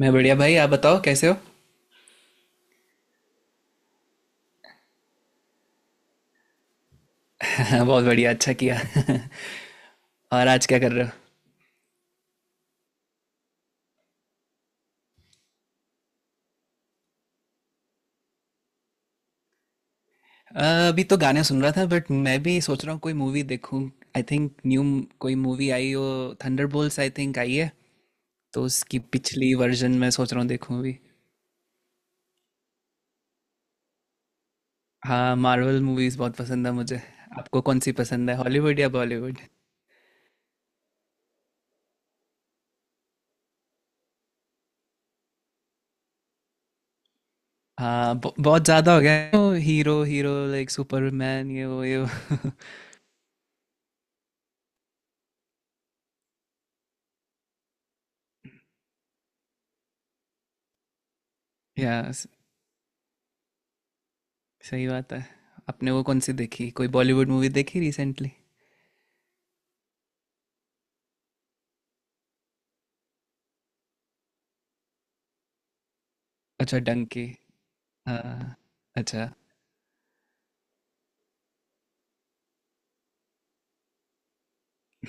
मैं बढ़िया भाई आप बताओ कैसे हो। बहुत बढ़िया, अच्छा किया। और आज क्या कर रहे हो? अभी तो गाने सुन रहा था बट मैं भी सोच रहा हूँ कोई मूवी देखूँ। आई थिंक न्यू कोई मूवी आई हो। थंडरबोल्ट्स आई थिंक आई है। तो उसकी पिछली वर्जन मैं सोच रहा हूँ देखूँ अभी। हाँ, मार्वल मूवीज बहुत पसंद है मुझे। आपको कौन सी पसंद है, हॉलीवुड या बॉलीवुड? हाँ, बहुत ज़्यादा हो गया है वो हीरो हीरो लाइक सुपरमैन ये वो ये वो। या। सही बात है। आपने वो कौन सी देखी, कोई बॉलीवुड मूवी देखी रिसेंटली? अच्छा, डंकी। हाँ। अच्छा।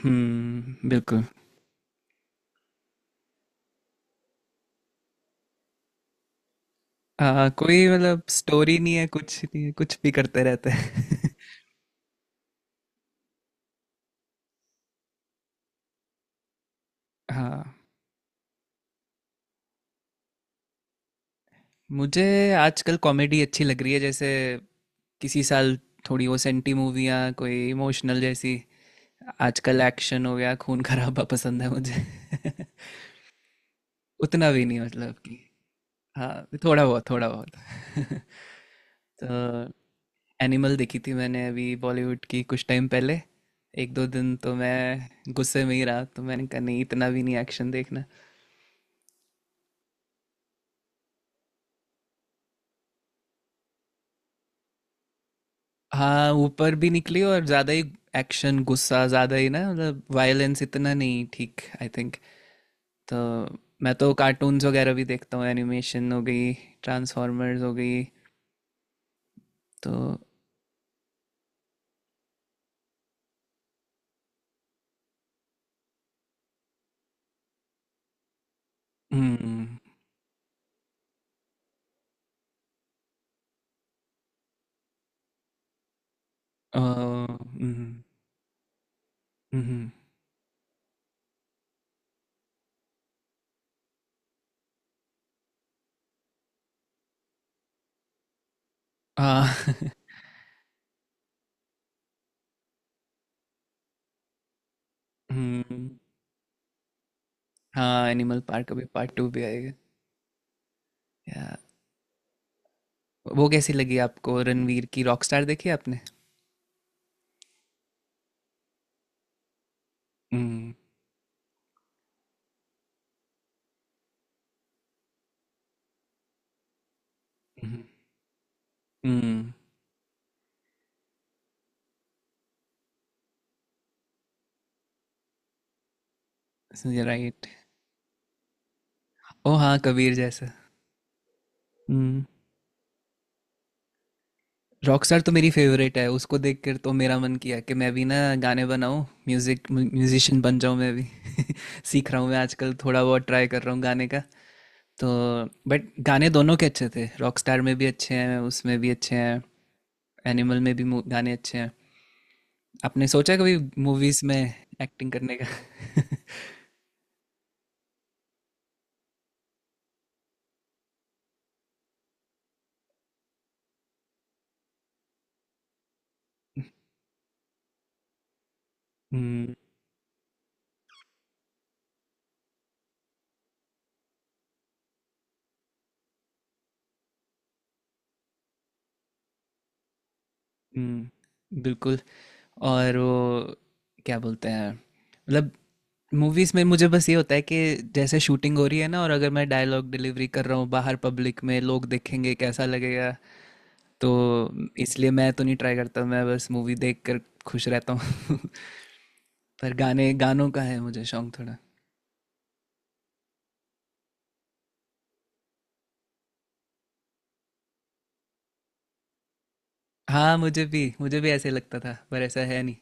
हम्म, बिल्कुल। हाँ, कोई मतलब स्टोरी नहीं है, कुछ नहीं है, कुछ भी करते रहते हैं। हाँ। मुझे आजकल कॉमेडी अच्छी लग रही है, जैसे किसी साल थोड़ी वो सेंटी मूवियाँ कोई इमोशनल जैसी। आजकल एक्शन हो गया, खून खराबा पसंद है मुझे। उतना भी नहीं मतलब कि। हाँ, थोड़ा बहुत, थोड़ा बहुत। तो एनिमल देखी थी मैंने अभी बॉलीवुड की कुछ टाइम पहले। एक दो दिन तो मैं गुस्से में ही रहा, तो मैंने कहा नहीं इतना भी नहीं एक्शन देखना। हाँ, ऊपर भी निकली और ज़्यादा ही। एक्शन गुस्सा ज़्यादा ही ना मतलब, वायलेंस इतना नहीं ठीक, आई थिंक। तो मैं तो कार्टून्स वगैरह भी देखता हूँ, एनिमेशन हो गई, ट्रांसफॉर्मर्स हो गई। तो। हम्म। हम्म, हम्म। हाँ। हम्म। हाँ, एनिमल पार्क अभी पार्ट 2 भी आएगा। या। वो कैसी लगी आपको, रणवीर की रॉकस्टार देखी आपने? हम्म, हम्म। राइट। ओ हाँ, कबीर जैसा। हम्म। रॉकस्टार तो मेरी फेवरेट है, उसको देख कर तो मेरा मन किया कि मैं भी ना गाने बनाऊं, म्यूजिक म्यूजिशियन बन जाऊं मैं भी। सीख रहा हूँ मैं आजकल, थोड़ा बहुत ट्राई कर रहा हूँ गाने का। तो बट गाने दोनों के अच्छे थे, रॉकस्टार में भी अच्छे हैं, उसमें भी अच्छे हैं। एनिमल में भी गाने अच्छे हैं। आपने सोचा कभी मूवीज में एक्टिंग करने का? हम्म हम्म, बिल्कुल। और वो क्या बोलते हैं मतलब, मूवीज़ में मुझे बस ये होता है कि जैसे शूटिंग हो रही है ना और अगर मैं डायलॉग डिलीवरी कर रहा हूँ बाहर पब्लिक में लोग देखेंगे कैसा लगेगा। तो इसलिए मैं तो नहीं ट्राई करता, मैं बस मूवी देख कर खुश रहता हूँ। पर गाने गानों का है मुझे शौक थोड़ा। हाँ, मुझे भी ऐसे लगता था पर ऐसा है नहीं।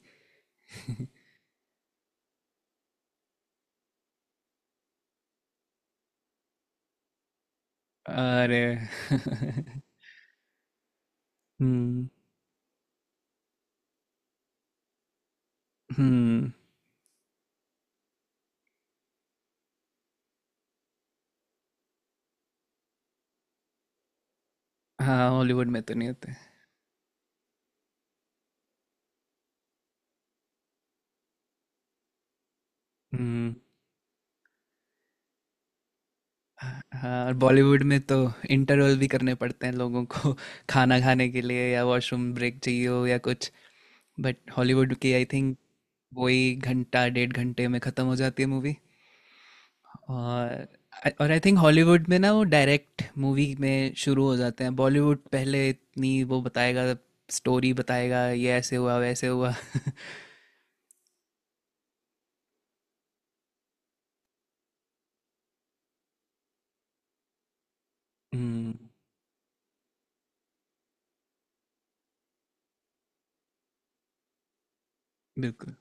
अरे। हम्म, हम्म। हाँ, हॉलीवुड में तो नहीं होते। हम्म। हाँ, और बॉलीवुड में तो इंटरवल भी करने पड़ते हैं लोगों को, खाना खाने के लिए या वॉशरूम ब्रेक चाहिए हो या कुछ। बट हॉलीवुड की आई थिंक वही घंटा डेढ़ घंटे में ख़त्म हो जाती है मूवी। और आई थिंक हॉलीवुड में ना वो डायरेक्ट मूवी में शुरू हो जाते हैं, बॉलीवुड पहले इतनी वो बताएगा, स्टोरी बताएगा ये ऐसे हुआ वैसे हुआ। हम्म, बिल्कुल।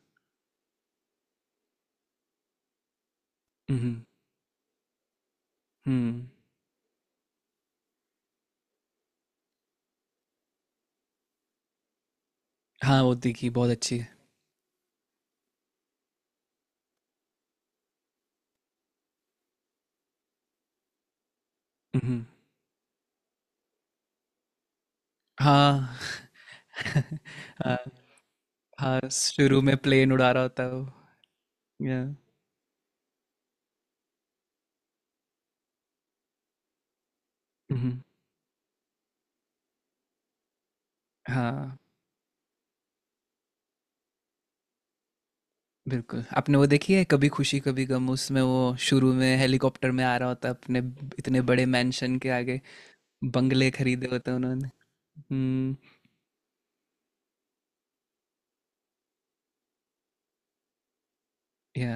हम्म, हम्म। हाँ, वो देखी, बहुत अच्छी है। हम्म। हाँ। हाँ, शुरू में प्लेन उड़ा रहा होता है वो। या। हुँ। हाँ, बिल्कुल। आपने वो देखी है कभी खुशी कभी गम? उसमें वो शुरू में हेलीकॉप्टर में आ रहा होता है अपने इतने बड़े मैंशन के आगे, बंगले खरीदे होते हैं उन्होंने। हुँ। या।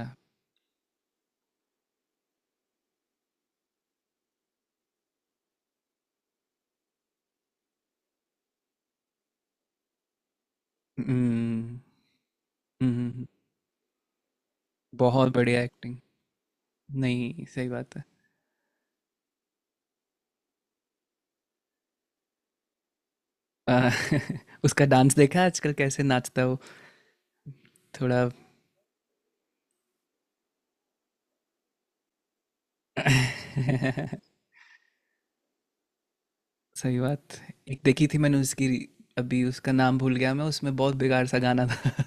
हुँ, हुँ, हुँ। बहुत बढ़िया एक्टिंग। नहीं, सही बात है। अ, उसका डांस देखा है आजकल कैसे नाचता है वो? थोड़ा। सही बात। एक देखी थी मैंने उसकी, अभी उसका नाम भूल गया मैं, उसमें बहुत बेकार सा गाना था,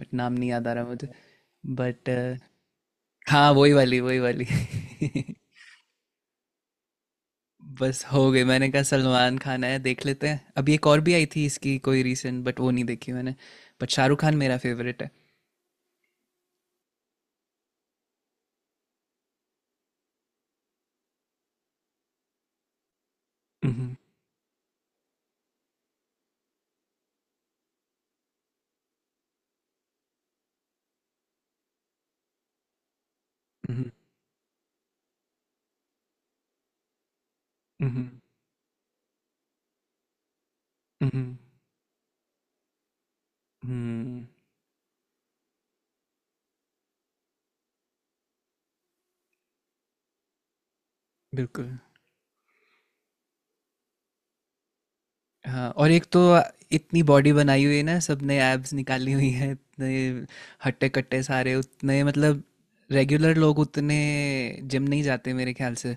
बट नाम नहीं याद आ रहा मुझे। बट हाँ, वही वाली वही वाली। बस हो गई, मैंने कहा सलमान खान है देख लेते हैं। अभी एक और भी आई थी इसकी कोई रीसेंट बट वो नहीं देखी मैंने। बट शाहरुख खान मेरा फेवरेट है। हम्म, हम्म, हम्म, हम्म, हम्म। बिल्कुल। हाँ, और एक तो इतनी बॉडी बनाई हुई है ना सबने, एब्स निकाली हुई है इतने, हट्टे कट्टे सारे उतने मतलब, रेगुलर लोग उतने जिम नहीं जाते मेरे ख्याल से।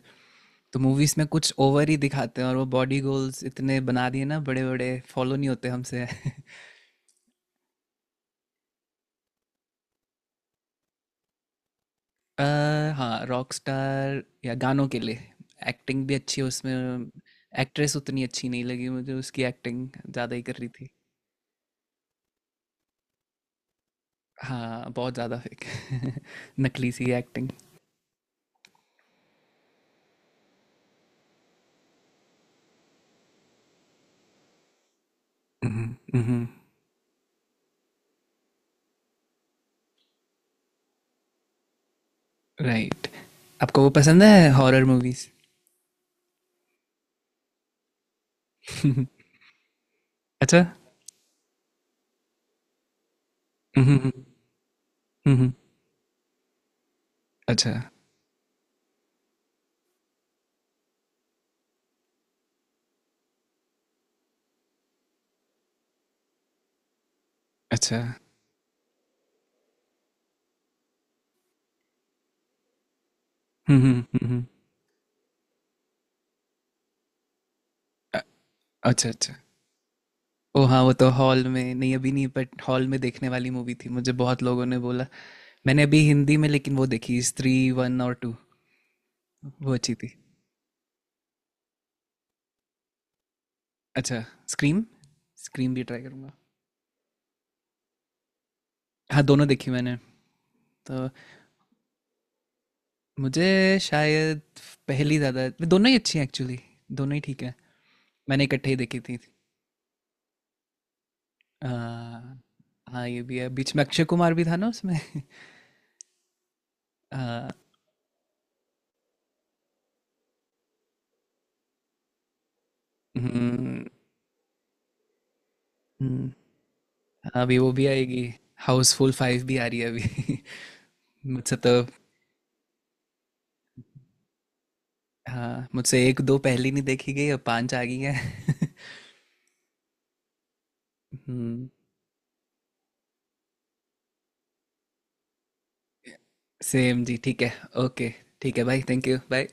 तो मूवीज में कुछ ओवर ही दिखाते हैं और वो बॉडी गोल्स इतने बना दिए ना, बड़े बड़े फॉलो नहीं होते हमसे। अ, हाँ, रॉक स्टार, या गानों के लिए एक्टिंग भी अच्छी है उसमें। एक्ट्रेस उतनी अच्छी नहीं लगी मुझे, उसकी एक्टिंग ज़्यादा ही कर रही थी। हाँ, बहुत ज़्यादा फेक। नकली सी एक्टिंग। राइट। आपको वो पसंद है हॉरर मूवीज? अच्छा। हम्म, हम्म, हम्म। अच्छा, अच्छा। हम्म। अ- अच्छा, अच्छा। ओ हाँ, वो तो हॉल में नहीं, अभी नहीं, बट हॉल में देखने वाली मूवी थी, मुझे बहुत लोगों ने बोला। मैंने अभी हिंदी में लेकिन वो देखी स्त्री 1 और 2। वो अच्छी थी। अच्छा। स्क्रीम, स्क्रीम भी ट्राई करूँगा। हाँ, दोनों देखी मैंने। तो मुझे शायद पहली ज़्यादा, दोनों ही अच्छी हैं एक्चुअली, दोनों ही ठीक है। मैंने इकट्ठे ही देखी थी। हाँ, हाँ, ये भी है। बीच में अक्षय कुमार भी था ना उसमें। हाँ। हम्म, हम्म। हाँ, अभी वो भी आएगी, हाउसफुल 5 भी आ रही है अभी। मुझसे तो, हाँ मुझसे एक दो पहली नहीं देखी गई, अब 5 आ गई है। हम्म। सेम जी, ठीक है। ओके। ठीक है भाई, थैंक यू, बाय।